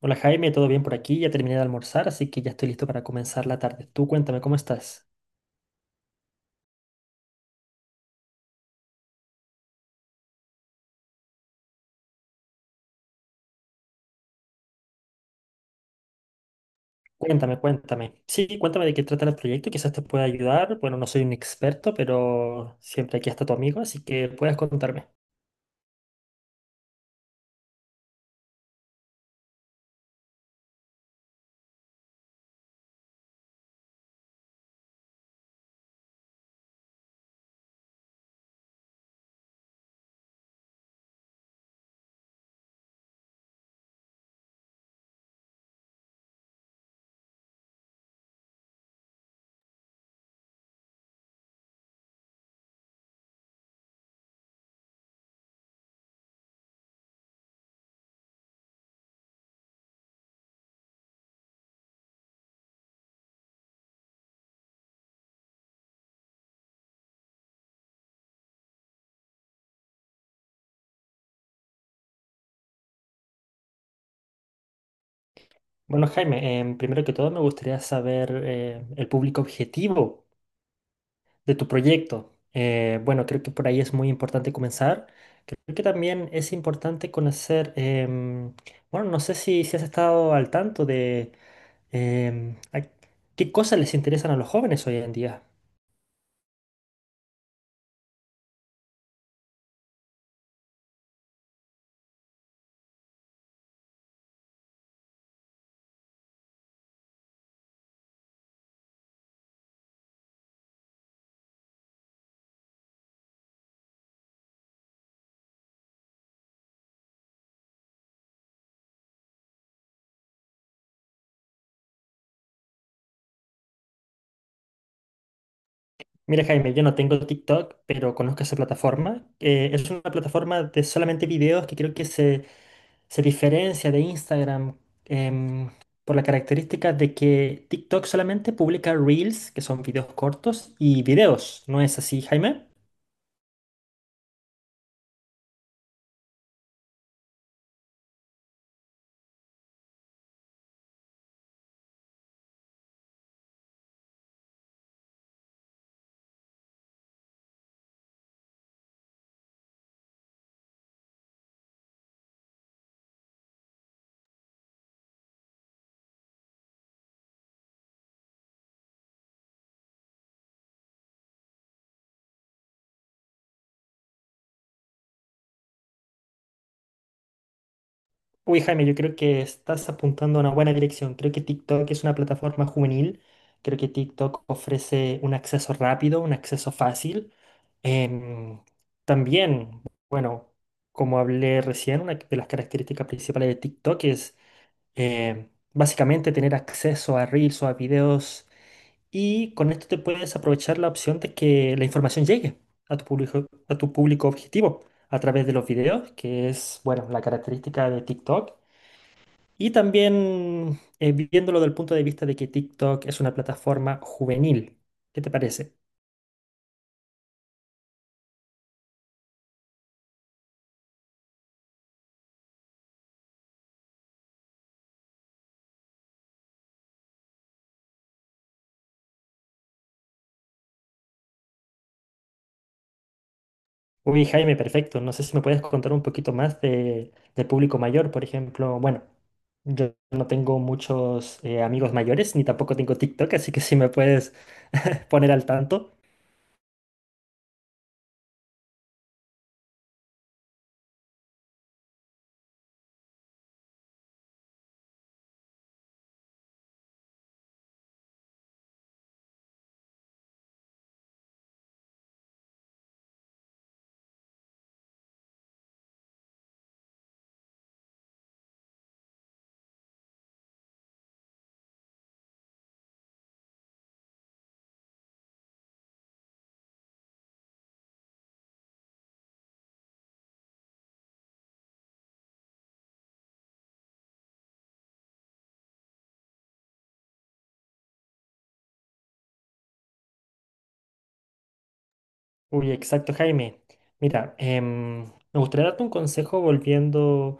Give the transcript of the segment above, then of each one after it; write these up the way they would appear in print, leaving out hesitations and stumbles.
Hola Jaime, ¿todo bien por aquí? Ya terminé de almorzar, así que ya estoy listo para comenzar la tarde. Tú cuéntame, ¿cómo estás? Cuéntame, cuéntame. Sí, cuéntame de qué trata el proyecto, quizás te pueda ayudar. Bueno, no soy un experto, pero siempre aquí está tu amigo, así que puedes contarme. Bueno, Jaime, primero que todo me gustaría saber el público objetivo de tu proyecto. Bueno, creo que por ahí es muy importante comenzar. Creo que también es importante conocer, bueno, no sé si has estado al tanto de ay, ¿qué cosas les interesan a los jóvenes hoy en día? Mira, Jaime, yo no tengo TikTok, pero conozco esa plataforma. Es una plataforma de solamente videos que creo que se diferencia de Instagram em, por la característica de que TikTok solamente publica reels, que son videos cortos, y videos. ¿No es así, Jaime? Uy, Jaime, yo creo que estás apuntando a una buena dirección. Creo que TikTok es una plataforma juvenil. Creo que TikTok ofrece un acceso rápido, un acceso fácil. Em, también, bueno, como hablé recién, una de las características principales de TikTok es em, básicamente tener acceso a reels o a videos, y con esto te puedes aprovechar la opción de que la información llegue a tu público objetivo a través de los videos, que es, bueno, la característica de TikTok. Y también viéndolo del punto de vista de que TikTok es una plataforma juvenil. ¿Qué te parece? Uy, Jaime, perfecto. No sé si me puedes contar un poquito más de, del público mayor, por ejemplo. Bueno, yo no tengo muchos amigos mayores, ni tampoco tengo TikTok, así que si me puedes poner al tanto. Uy, exacto, Jaime. Mira, me gustaría darte un consejo volviendo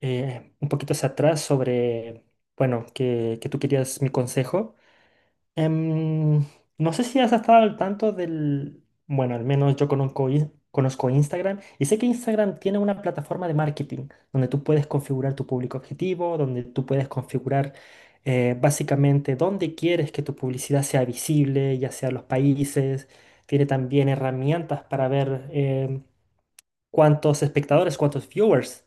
un poquito hacia atrás sobre, bueno, que tú querías mi consejo. Em, no sé si has estado al tanto del... Bueno, al menos yo conozco, conozco Instagram y sé que Instagram tiene una plataforma de marketing donde tú puedes configurar tu público objetivo, donde tú puedes configurar básicamente dónde quieres que tu publicidad sea visible, ya sea los países. Tiene también herramientas para ver cuántos espectadores, cuántos viewers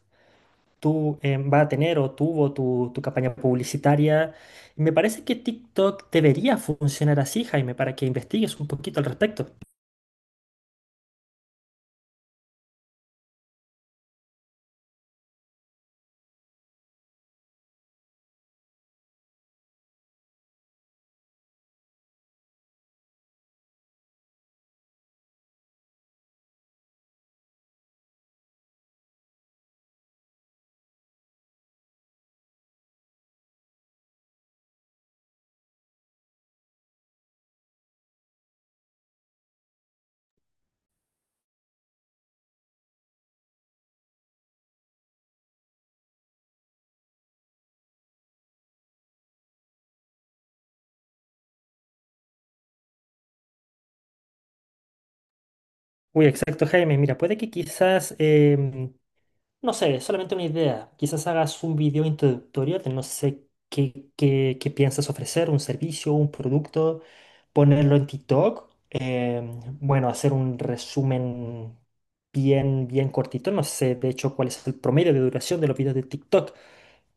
tú va a tener o tuvo tu campaña publicitaria. Y me parece que TikTok debería funcionar así, Jaime, para que investigues un poquito al respecto. Uy, exacto, Jaime. Mira, puede que quizás no sé, solamente una idea. Quizás hagas un video introductorio de no sé qué, qué piensas ofrecer, un servicio, un producto, ponerlo en TikTok. Bueno, hacer un resumen bien cortito. No sé, de hecho, cuál es el promedio de duración de los videos de TikTok.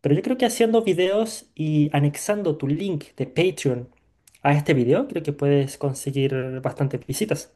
Pero yo creo que haciendo videos y anexando tu link de Patreon a este video, creo que puedes conseguir bastantes visitas.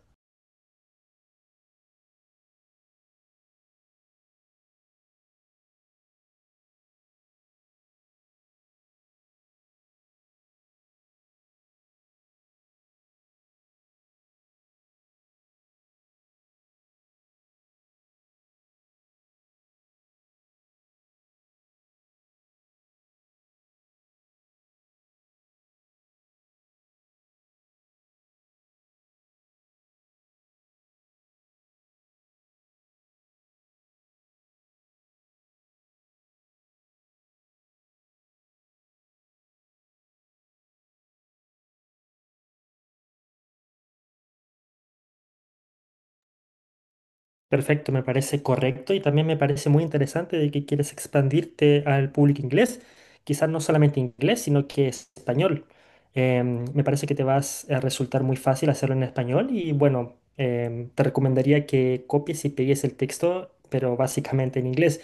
Perfecto, me parece correcto y también me parece muy interesante de que quieres expandirte al público inglés, quizás no solamente inglés, sino que es español. Me parece que te vas a resultar muy fácil hacerlo en español y bueno, te recomendaría que copies y pegues el texto, pero básicamente en inglés.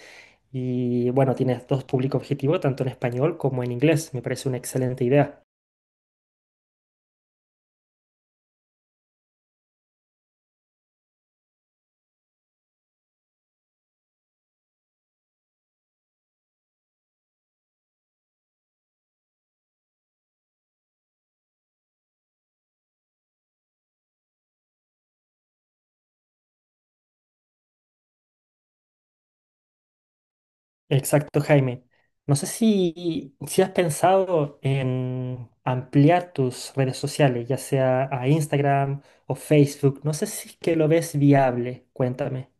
Y bueno, tienes dos públicos objetivos, tanto en español como en inglés. Me parece una excelente idea. Exacto, Jaime. No sé si has pensado en ampliar tus redes sociales, ya sea a Instagram o Facebook. No sé si es que lo ves viable. Cuéntame.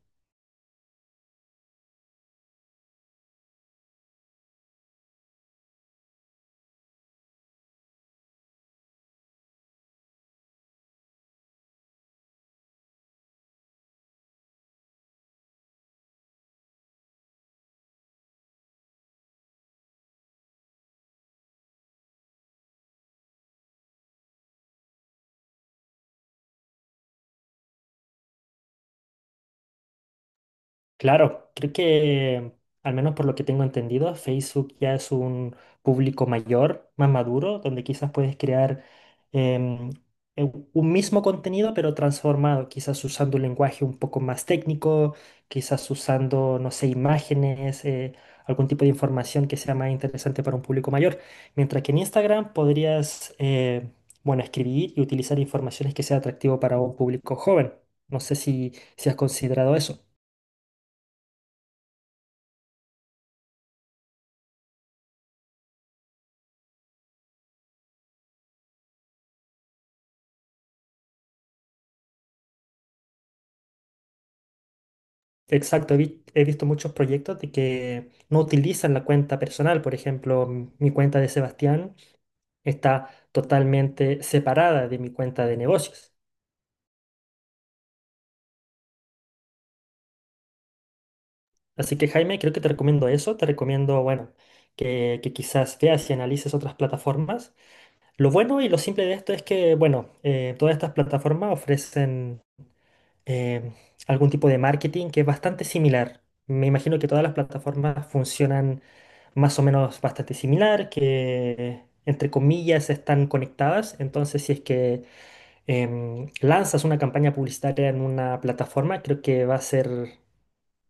Claro, creo que, al menos por lo que tengo entendido, Facebook ya es un público mayor, más maduro, donde quizás puedes crear em, un mismo contenido, pero transformado, quizás usando un lenguaje un poco más técnico, quizás usando, no sé, imágenes, algún tipo de información que sea más interesante para un público mayor. Mientras que en Instagram podrías, bueno, escribir y utilizar informaciones que sea atractivo para un público joven. No sé si has considerado eso. Exacto, he, he visto muchos proyectos de que no utilizan la cuenta personal. Por ejemplo, mi cuenta de Sebastián está totalmente separada de mi cuenta de negocios. Así que Jaime, creo que te recomiendo eso. Te recomiendo, bueno, que quizás veas y analices otras plataformas. Lo bueno y lo simple de esto es que, bueno, todas estas plataformas ofrecen eh, algún tipo de marketing que es bastante similar. Me imagino que todas las plataformas funcionan más o menos bastante similar, que entre comillas están conectadas. Entonces, si es que lanzas una campaña publicitaria en una plataforma, creo que va a ser,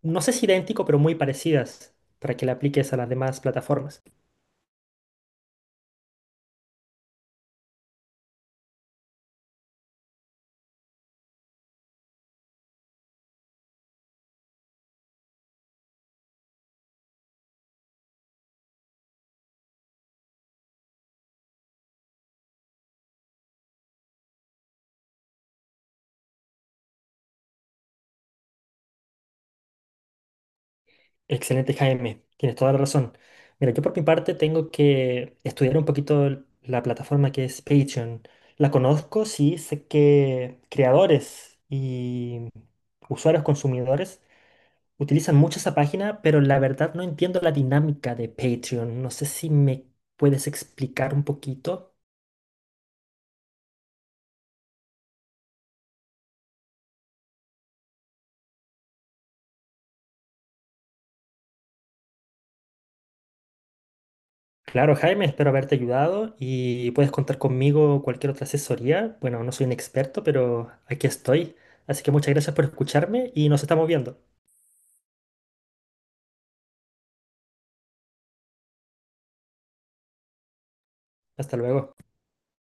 no sé si idéntico, pero muy parecidas para que la apliques a las demás plataformas. Excelente, Jaime. Tienes toda la razón. Mira, yo por mi parte tengo que estudiar un poquito la plataforma que es Patreon. La conozco, sí, sé que creadores y usuarios consumidores utilizan mucho esa página, pero la verdad no entiendo la dinámica de Patreon. No sé si me puedes explicar un poquito. Claro, Jaime, espero haberte ayudado y puedes contar conmigo cualquier otra asesoría. Bueno, no soy un experto, pero aquí estoy. Así que muchas gracias por escucharme y nos estamos viendo. Hasta luego.